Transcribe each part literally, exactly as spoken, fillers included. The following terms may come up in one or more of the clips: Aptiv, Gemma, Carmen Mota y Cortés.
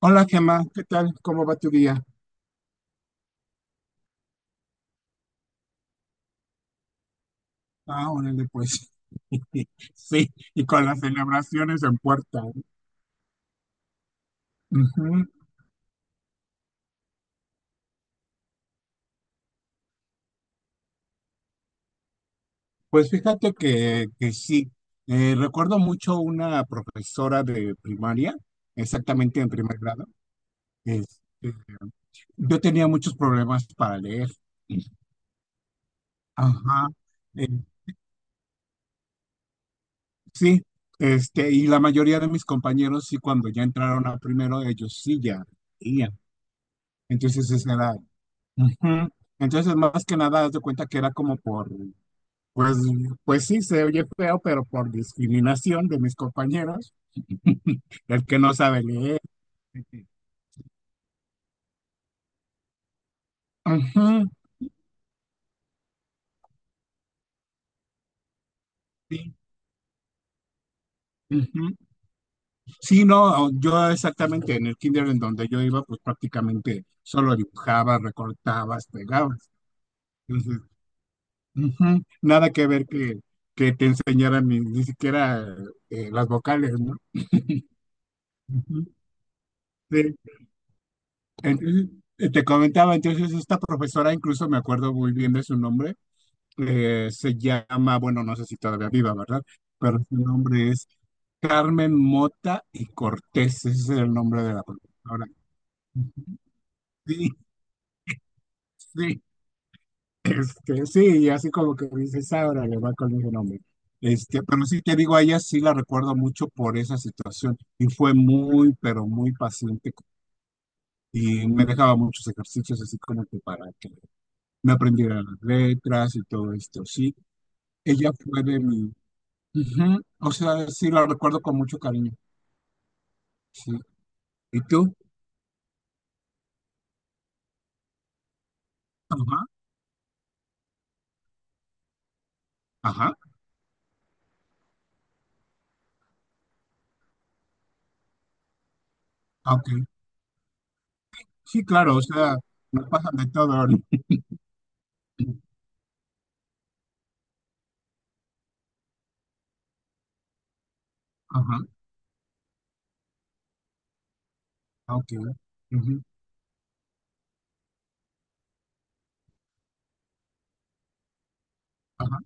Hola Gemma, ¿qué tal? ¿Cómo va tu día? Ah, órale pues. Sí, y con las celebraciones en puerta, ¿no? Ujú. Pues fíjate que, que sí. Eh, recuerdo mucho una profesora de primaria, exactamente en primer grado. Este, yo tenía muchos problemas para leer. Ajá. Eh, sí, este, y la mayoría de mis compañeros sí, cuando ya entraron a primero, ellos sí ya leían. Entonces, esa era. Ujú. Entonces, más que nada, haz de cuenta que era como por, pues, pues sí, se oye feo, pero por discriminación de mis compañeros, el que no sabe leer. Ujú. Sí, ujú. Sí, no, yo exactamente en el kinder en donde yo iba, pues prácticamente solo dibujabas, recortabas, pegabas. Entonces, ujú, nada que ver que, que te enseñaran ni, ni siquiera eh, las vocales, ¿no? Ujú. Sí. Entonces, eh, te comentaba, entonces esta profesora, incluso me acuerdo muy bien de su nombre. Eh, se llama, bueno, no sé si todavía viva, ¿verdad? Pero su nombre es Carmen Mota y Cortés, ese es el nombre de la profesora. Sí, sí, este, sí, y así como que dices, ahora le va con ese nombre. Este, pero sí te digo, a ella sí la recuerdo mucho por esa situación y fue muy, pero muy paciente, y me dejaba muchos ejercicios así como que para que me aprendiera las letras y todo esto, sí. Ella fue de mi... Ujú. O sea, sí, la recuerdo con mucho cariño, sí. ¿Y tú? Ajá, ajá, ah, ok. Sí, claro, o sea, nos pasan de todo, ¿no? Ajá, ah, ok, ujú, ajá,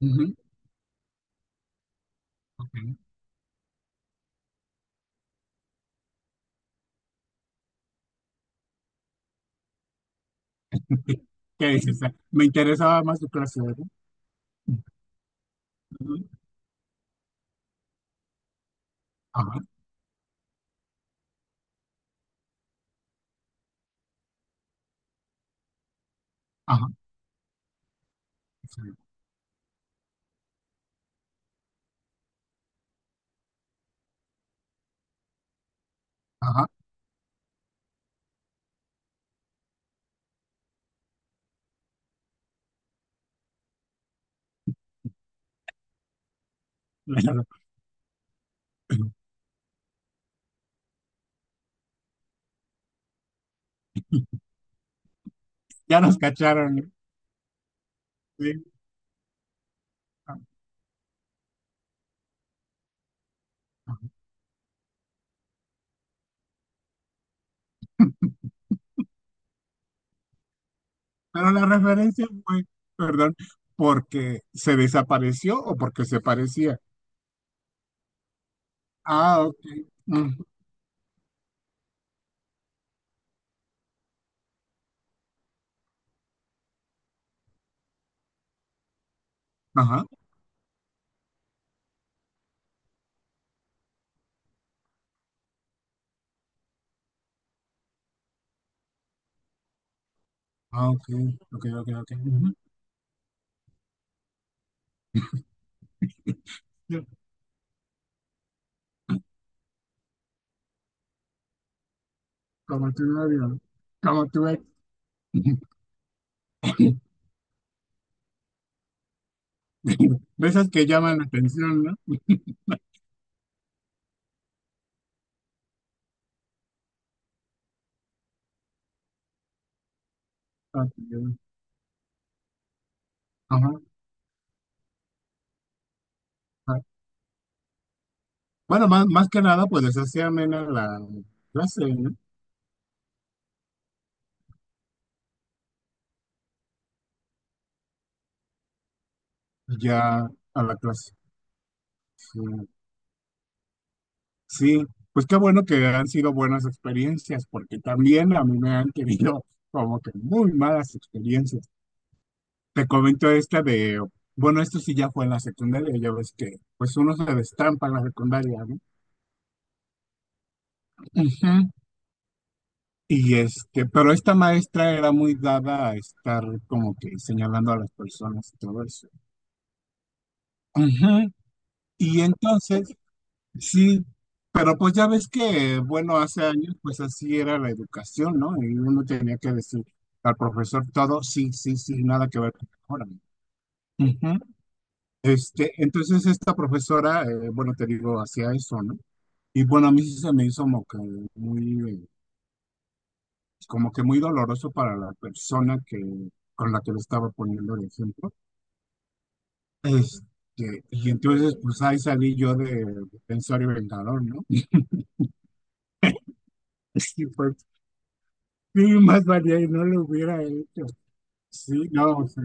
ujú, ok. ¿Qué dices? Me interesaba más tu clase, ¿verdad? Ujú, ajá, ajá, sí, ajá, claro. Ya nos cacharon, ¿no? Sí. Pero la referencia fue, perdón, ¿porque se desapareció o porque se parecía? Ah, ok. Mm, ajá. Ah, ok. Ok, ok, ok. Ujú. Sí. Como tu novio. Como tu ex. De esas que llaman la atención, ¿no? Ok, ajá, ajá. Bueno, más, más que nada, pues así amena la clase, ¿no? Ya a la clase. Sí. Sí, pues qué bueno que han sido buenas experiencias, porque también a mí me han tenido como que muy malas experiencias. Te comento esta de, bueno, esto sí ya fue en la secundaria, ya ves que pues uno se destampa en la secundaria, ¿no? Ujú. Y este, pero esta maestra era muy dada a estar como que señalando a las personas y todo eso. Ujú. Y entonces, sí, pero pues ya ves que, bueno, hace años pues así era la educación, ¿no? Y uno tenía que decir al profesor todo, sí, sí, sí, nada que ver con ahora. Ujú. Este, entonces esta profesora, eh, bueno, te digo, hacía eso, ¿no? Y bueno, a mí sí se me hizo como que muy, eh, como que muy doloroso para la persona que, con la que lo estaba poniendo el ejemplo. Este, y entonces pues ahí salí yo de pensar y vengador, ¿no? Sí, fue. Sí, más valía y no lo hubiera hecho. Sí, no, o sea,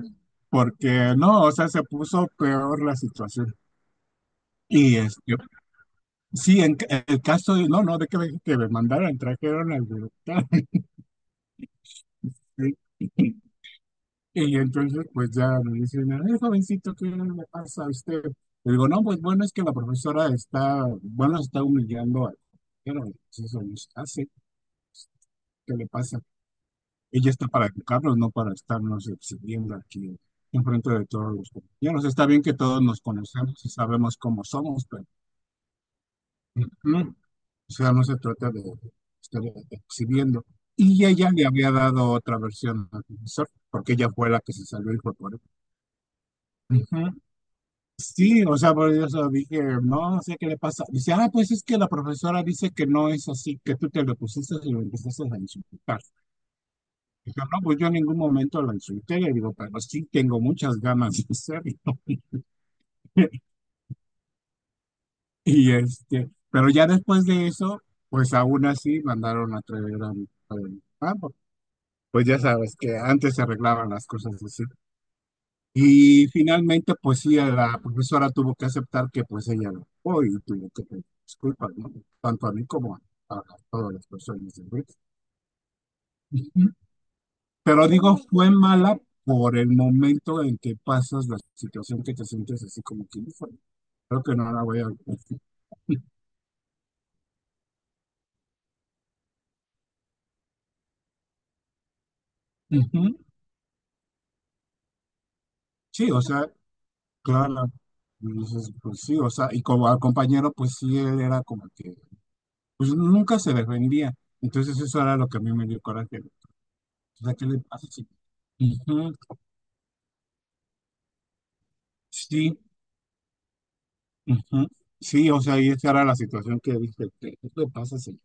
porque no, o sea, se puso peor la situación. Y este, sí, en ca- el caso de, no, no, de que me, que me mandaran, trajeron al director. ¿Sí? Y entonces, pues ya me dicen, "Ay, jovencito, ¿qué le pasa a usted?". Le digo, no, pues bueno, es que la profesora está, bueno, está humillando a, pero pues, eso no se hace. ¿Qué le pasa? Ella está para educarlos, no para estarnos exhibiendo aquí enfrente de todos los compañeros. Está bien que todos nos conocemos y sabemos cómo somos, pero ujú, o sea, no se trata de estar exhibiendo. Y ella le había dado otra versión al profesor, porque ella fue la que se salió y fue por él. Ujú. Sí, o sea, por eso dije, no, no sé qué le pasa. Dice, ah, pues es que la profesora dice que no es así, que tú te lo pusiste y lo empezaste a insultar. Dijo, no, pues yo en ningún momento la insulté, le digo, pero sí tengo muchas ganas de hacerlo. Y este, pero ya después de eso, pues aún así mandaron a traer a mi padre. Ah, pues pues ya sabes que antes se arreglaban las cosas así. Y finalmente, pues sí, la profesora tuvo que aceptar que pues ella lo fue y tuvo que pedir disculpas, ¿no? Tanto a mí como a, a todas las personas del grupo. Pero digo, fue mala por el momento en que pasas la situación que te sientes así como que fue. Creo que no la voy a... Ujú. Sí, o sea, claro. Entonces, pues sí, o sea, y como al compañero, pues sí, él era como que, pues nunca se defendía. Entonces eso era lo que a mí me dio coraje. O sea, ¿qué le pasa? Sí, ujú, sí, ujú. Sí, o sea, y esa era la situación que dije, ¿qué qué le pasa? Sí.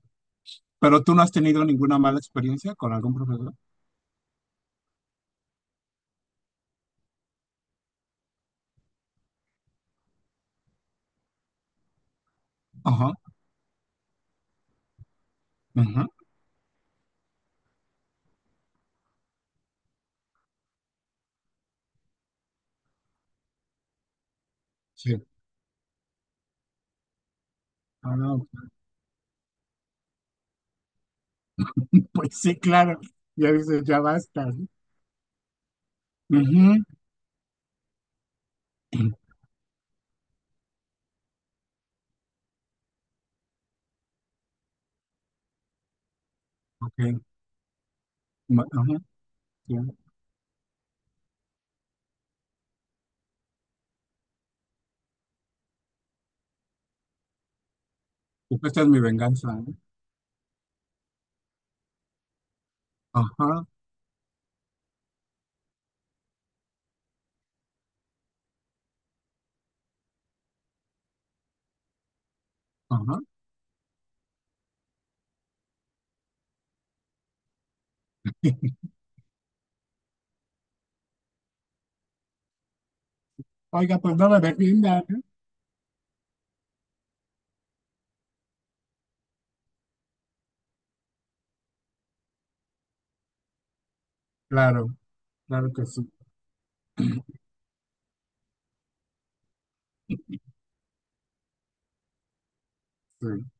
Pero tú no has tenido ninguna mala experiencia con algún profesor. Ajá, ajá, ah, ok, pues sí, claro. Ya dices, ya basta, ¿no? Ujú. Ok. Ma- ajá, ya. Pues esta es mi venganza, ¿no? Ajá. Ajá. Oiga, pues no me defienda, ¿no? Claro, claro que sí, sí.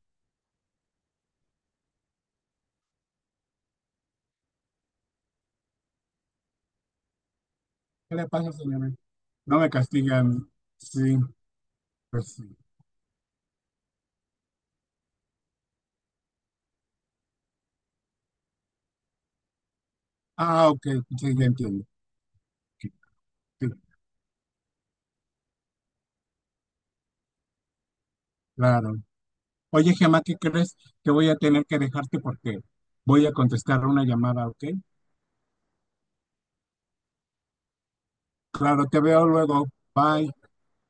¿Qué le pasa, señora? No me castigan. Sí, pues sí. Ah, ok. Sí, ya entiendo. Sí, sí, claro. Oye, Gemma, ¿qué crees? Que voy a tener que dejarte porque voy a contestar una llamada, ¿ok? Claro, te veo luego. Bye.